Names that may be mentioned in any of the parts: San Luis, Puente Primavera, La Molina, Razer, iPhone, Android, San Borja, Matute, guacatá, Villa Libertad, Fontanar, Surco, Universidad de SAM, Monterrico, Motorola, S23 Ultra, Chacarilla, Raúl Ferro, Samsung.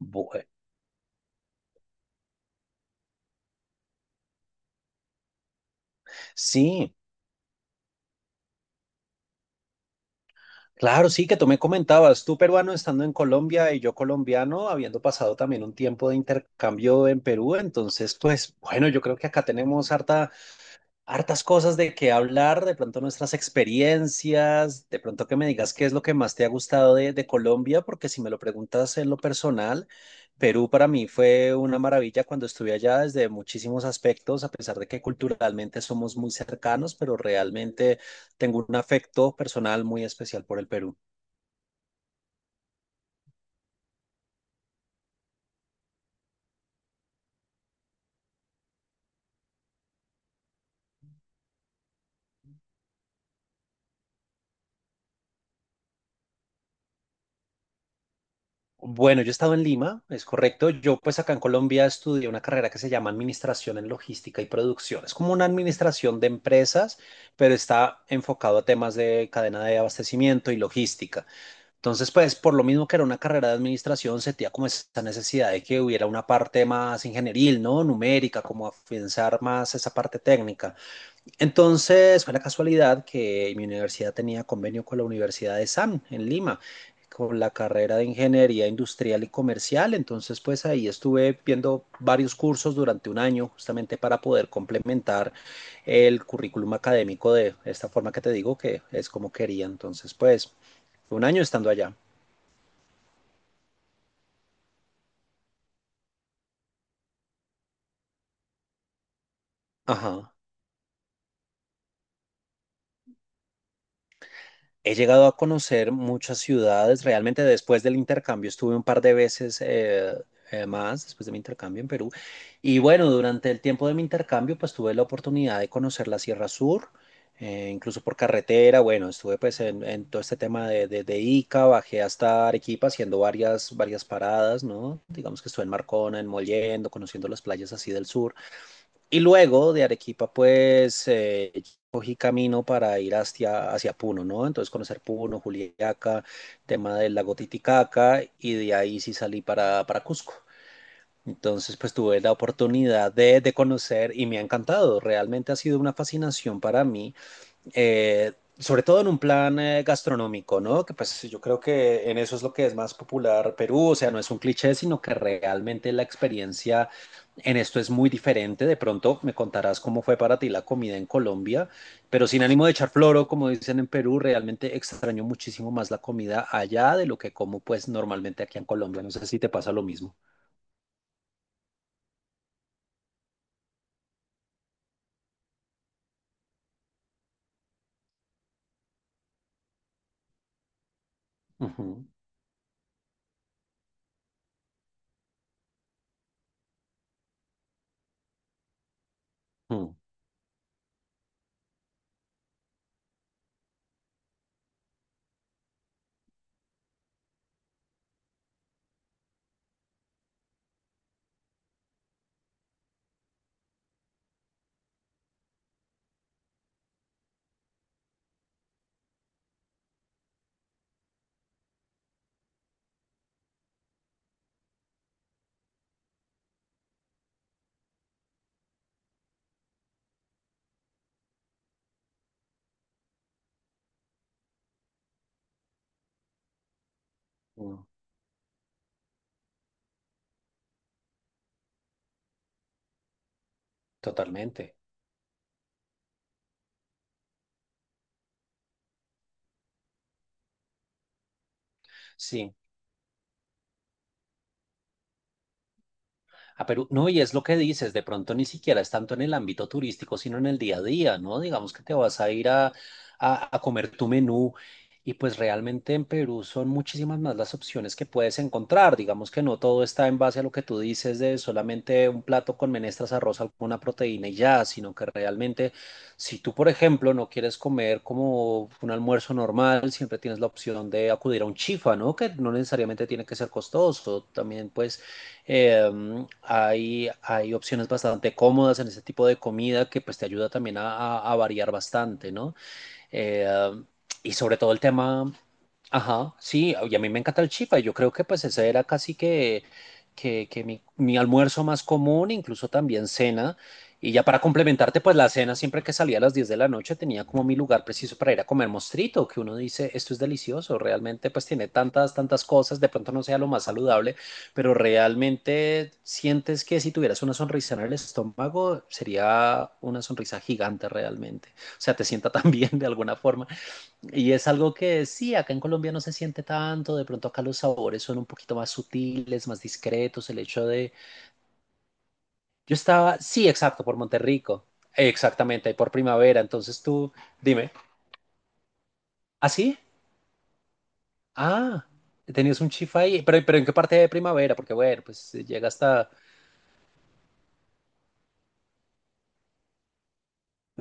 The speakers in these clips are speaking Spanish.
Bue- Sí, claro, sí, que tú me comentabas, tú peruano estando en Colombia y yo colombiano, habiendo pasado también un tiempo de intercambio en Perú, entonces, pues bueno, yo creo que acá tenemos hartas cosas de qué hablar, de pronto nuestras experiencias, de pronto que me digas qué es lo que más te ha gustado de Colombia, porque si me lo preguntas en lo personal, Perú para mí fue una maravilla cuando estuve allá desde muchísimos aspectos, a pesar de que culturalmente somos muy cercanos, pero realmente tengo un afecto personal muy especial por el Perú. Bueno, yo he estado en Lima, es correcto. Yo pues acá en Colombia estudié una carrera que se llama Administración en Logística y Producción. Es como una administración de empresas, pero está enfocado a temas de cadena de abastecimiento y logística. Entonces, pues por lo mismo que era una carrera de administración, sentía como esa necesidad de que hubiera una parte más ingenieril, ¿no? Numérica, como afianzar más esa parte técnica. Entonces fue la casualidad que mi universidad tenía convenio con la Universidad de SAM en Lima, con la carrera de Ingeniería Industrial y Comercial. Entonces pues ahí estuve viendo varios cursos durante un año justamente para poder complementar el currículum académico de esta forma que te digo que es como quería. Entonces pues un año estando allá. Ajá. He llegado a conocer muchas ciudades. Realmente después del intercambio estuve un par de veces más, después de mi intercambio en Perú. Y bueno, durante el tiempo de mi intercambio, pues tuve la oportunidad de conocer la Sierra Sur, incluso por carretera. Bueno, estuve pues en todo este tema de Ica, bajé hasta Arequipa haciendo varias paradas, ¿no? Digamos que estuve en Marcona, en Mollendo, conociendo las playas así del sur. Y luego de Arequipa, pues cogí camino para ir hacia Puno, ¿no? Entonces conocer Puno, Juliaca, tema del lago Titicaca, y de ahí sí salí para Cusco. Entonces, pues tuve la oportunidad de conocer y me ha encantado. Realmente ha sido una fascinación para mí sobre todo en un plan gastronómico, ¿no? Que pues yo creo que en eso es lo que es más popular Perú, o sea, no es un cliché, sino que realmente la experiencia en esto es muy diferente. De pronto me contarás cómo fue para ti la comida en Colombia, pero sin ánimo de echar floro, como dicen en Perú, realmente extraño muchísimo más la comida allá de lo que como pues normalmente aquí en Colombia. No sé si te pasa lo mismo. Ujú, ujú, ujú. Totalmente. Sí. A Perú, no, y es lo que dices, de pronto ni siquiera es tanto en el ámbito turístico, sino en el día a día, ¿no? Digamos que te vas a ir a comer tu menú y pues realmente en Perú son muchísimas más las opciones que puedes encontrar. Digamos que no todo está en base a lo que tú dices de solamente un plato con menestras, arroz, alguna proteína y ya, sino que realmente si tú, por ejemplo, no quieres comer como un almuerzo normal, siempre tienes la opción de acudir a un chifa, ¿no? Que no necesariamente tiene que ser costoso, también pues eh, hay opciones bastante cómodas en ese tipo de comida que pues te ayuda también a variar bastante, ¿no? Eh, y sobre todo el tema, ajá, sí, y a mí me encanta el chifa. Yo creo que pues ese era casi que mi almuerzo más común, incluso también cena. Y ya para complementarte, pues la cena siempre que salía a las 10 de la noche tenía como mi lugar preciso para ir a comer mostrito, que uno dice, esto es delicioso, realmente pues tiene tantas cosas, de pronto no sea lo más saludable, pero realmente sientes que si tuvieras una sonrisa en el estómago sería una sonrisa gigante realmente o sea, te sienta tan bien de alguna forma. Y es algo que sí, acá en Colombia no se siente tanto, de pronto acá los sabores son un poquito más sutiles, más discretos. Yo estaba, sí, exacto, por Monterrico, exactamente, por Primavera, entonces tú, dime, ¿ah, sí? Ah, tenías un chifa ahí, pero ¿en qué parte de Primavera? Porque bueno, pues llega hasta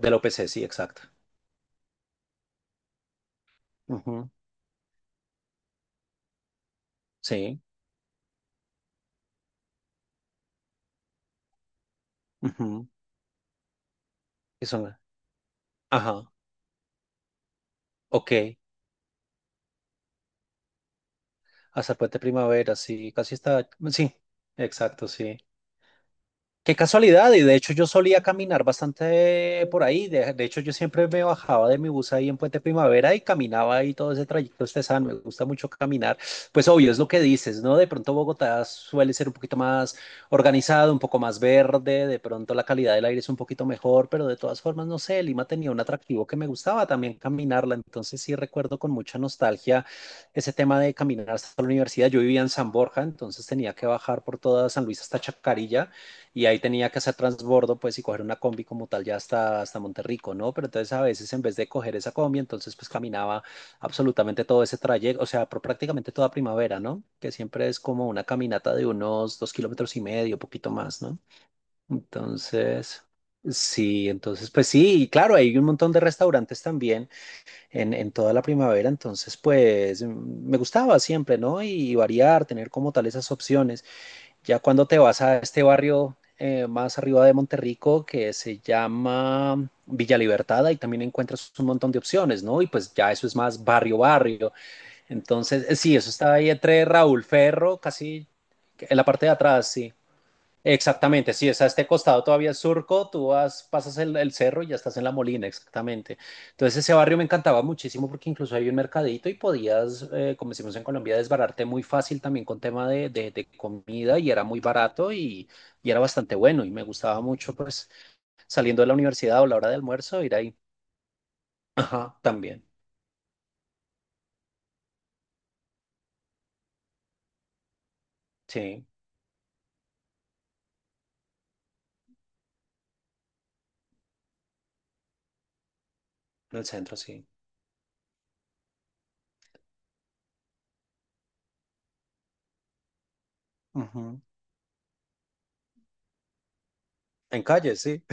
del OPC, sí, exacto. Ujú, sí, ujú, que son, ajá, ok, hasta el Puente Primavera, sí, casi está, sí, exacto, sí. Qué casualidad, y de hecho yo solía caminar bastante por ahí, de hecho yo siempre me bajaba de mi bus ahí en Puente Primavera y caminaba ahí todo ese trayecto estesano, me gusta mucho caminar, pues obvio es lo que dices, ¿no? De pronto Bogotá suele ser un poquito más organizado, un poco más verde, de pronto la calidad del aire es un poquito mejor, pero de todas formas, no sé, Lima tenía un atractivo que me gustaba también caminarla, entonces sí recuerdo con mucha nostalgia ese tema de caminar hasta la universidad, yo vivía en San Borja, entonces tenía que bajar por toda San Luis hasta Chacarilla y ahí tenía que hacer transbordo, pues, y coger una combi como tal ya hasta Monterrico, ¿no? Pero entonces a veces en vez de coger esa combi, entonces pues caminaba absolutamente todo ese trayecto, o sea, prácticamente toda Primavera, ¿no? Que siempre es como una caminata de unos 2 kilómetros y medio, poquito más, ¿no? Entonces... Sí, entonces pues sí, y claro, hay un montón de restaurantes también en toda la Primavera, entonces pues me gustaba siempre, ¿no? Y variar, tener como tal esas opciones. Ya cuando te vas a este barrio más arriba de Monterrico que se llama Villa Libertad, ahí también encuentras un montón de opciones, ¿no? Y pues ya eso es más barrio, barrio. Entonces, sí, eso está ahí entre Raúl Ferro, casi en la parte de atrás, sí. Exactamente, sí, es a este costado todavía es Surco, tú vas, pasas el cerro y ya estás en La Molina, exactamente. Entonces ese barrio me encantaba muchísimo porque incluso había un mercadito y podías, como decimos en Colombia, desbararte muy fácil también con tema de comida y era muy barato y era bastante bueno y me gustaba mucho pues saliendo de la universidad o la hora de almuerzo ir ahí. Ajá, también, sí, en el centro, sí. Ujú. En calles, sí.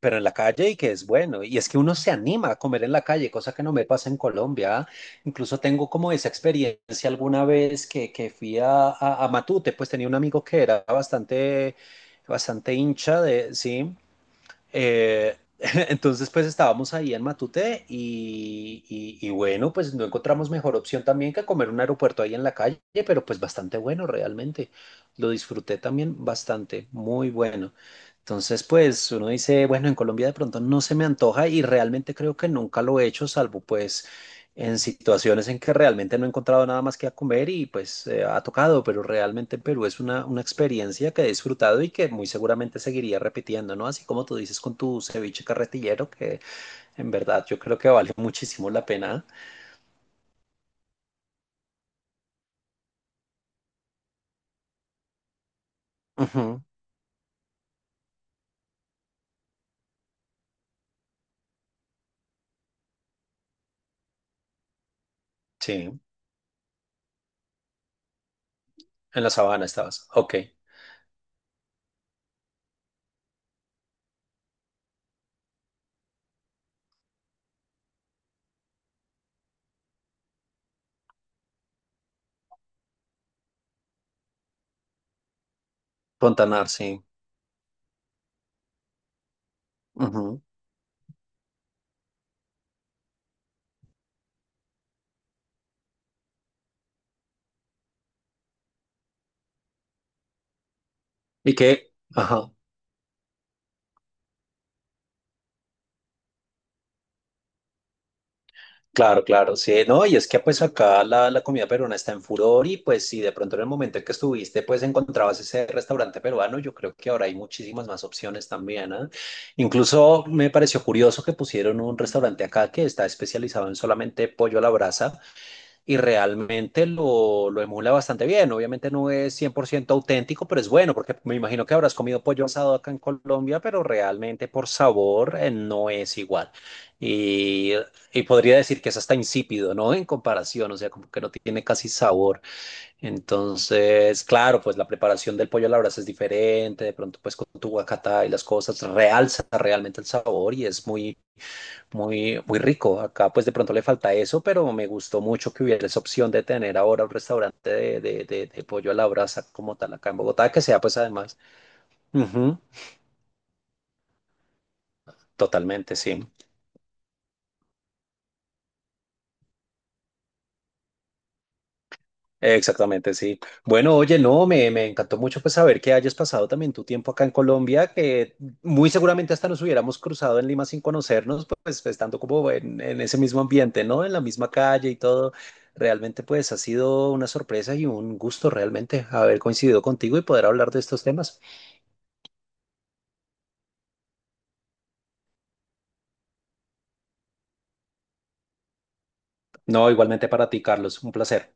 Pero en la calle y que es bueno. Y es que uno se anima a comer en la calle, cosa que no me pasa en Colombia. Incluso tengo como esa experiencia alguna vez que fui a Matute, pues tenía un amigo que era bastante, bastante hincha de, sí. Eh, entonces, pues estábamos ahí en Matute bueno, pues no encontramos mejor opción también que comer un aeropuerto ahí en la calle, pero pues bastante bueno realmente. Lo disfruté también bastante, muy bueno. Entonces, pues uno dice, bueno, en Colombia de pronto no se me antoja y realmente creo que nunca lo he hecho, salvo pues en situaciones en que realmente no he encontrado nada más que a comer y pues ha tocado, pero realmente en Perú es una experiencia que he disfrutado y que muy seguramente seguiría repitiendo, ¿no? Así como tú dices con tu ceviche carretillero, que en verdad yo creo que vale muchísimo la pena. Ujú, sí, en la Sabana estabas. Ok, Fontanar sí. Ujú. ¿Y qué? Ajá. Claro, claro, sí, no, y es que pues acá la comida peruana está en furor y pues si de pronto en el momento en que estuviste pues encontrabas ese restaurante peruano, yo creo que ahora hay muchísimas más opciones también, ¿ah? Incluso me pareció curioso que pusieron un restaurante acá que está especializado en solamente pollo a la brasa y realmente lo emula bastante bien. Obviamente no es 100% auténtico, pero es bueno, porque me imagino que habrás comido pollo asado acá en Colombia, pero realmente por sabor no es igual. Y, y podría decir que es hasta insípido, ¿no? En comparación, o sea, como que no tiene casi sabor. Entonces, claro, pues la preparación del pollo a la brasa es diferente, de pronto pues con tu guacatá y las cosas realza realmente el sabor y es muy muy, muy rico. Acá pues de pronto le falta eso, pero me gustó mucho que hubiera esa opción de tener ahora un restaurante de pollo a la brasa como tal acá en Bogotá, que sea pues además. Ujú, totalmente, sí. Exactamente, sí. Bueno, oye, no, me encantó mucho pues saber que hayas pasado también tu tiempo acá en Colombia, que muy seguramente hasta nos hubiéramos cruzado en Lima sin conocernos, pues estando como en ese mismo ambiente, ¿no? En la misma calle y todo. Realmente pues ha sido una sorpresa y un gusto realmente haber coincidido contigo y poder hablar de estos temas. No, igualmente para ti, Carlos, un placer.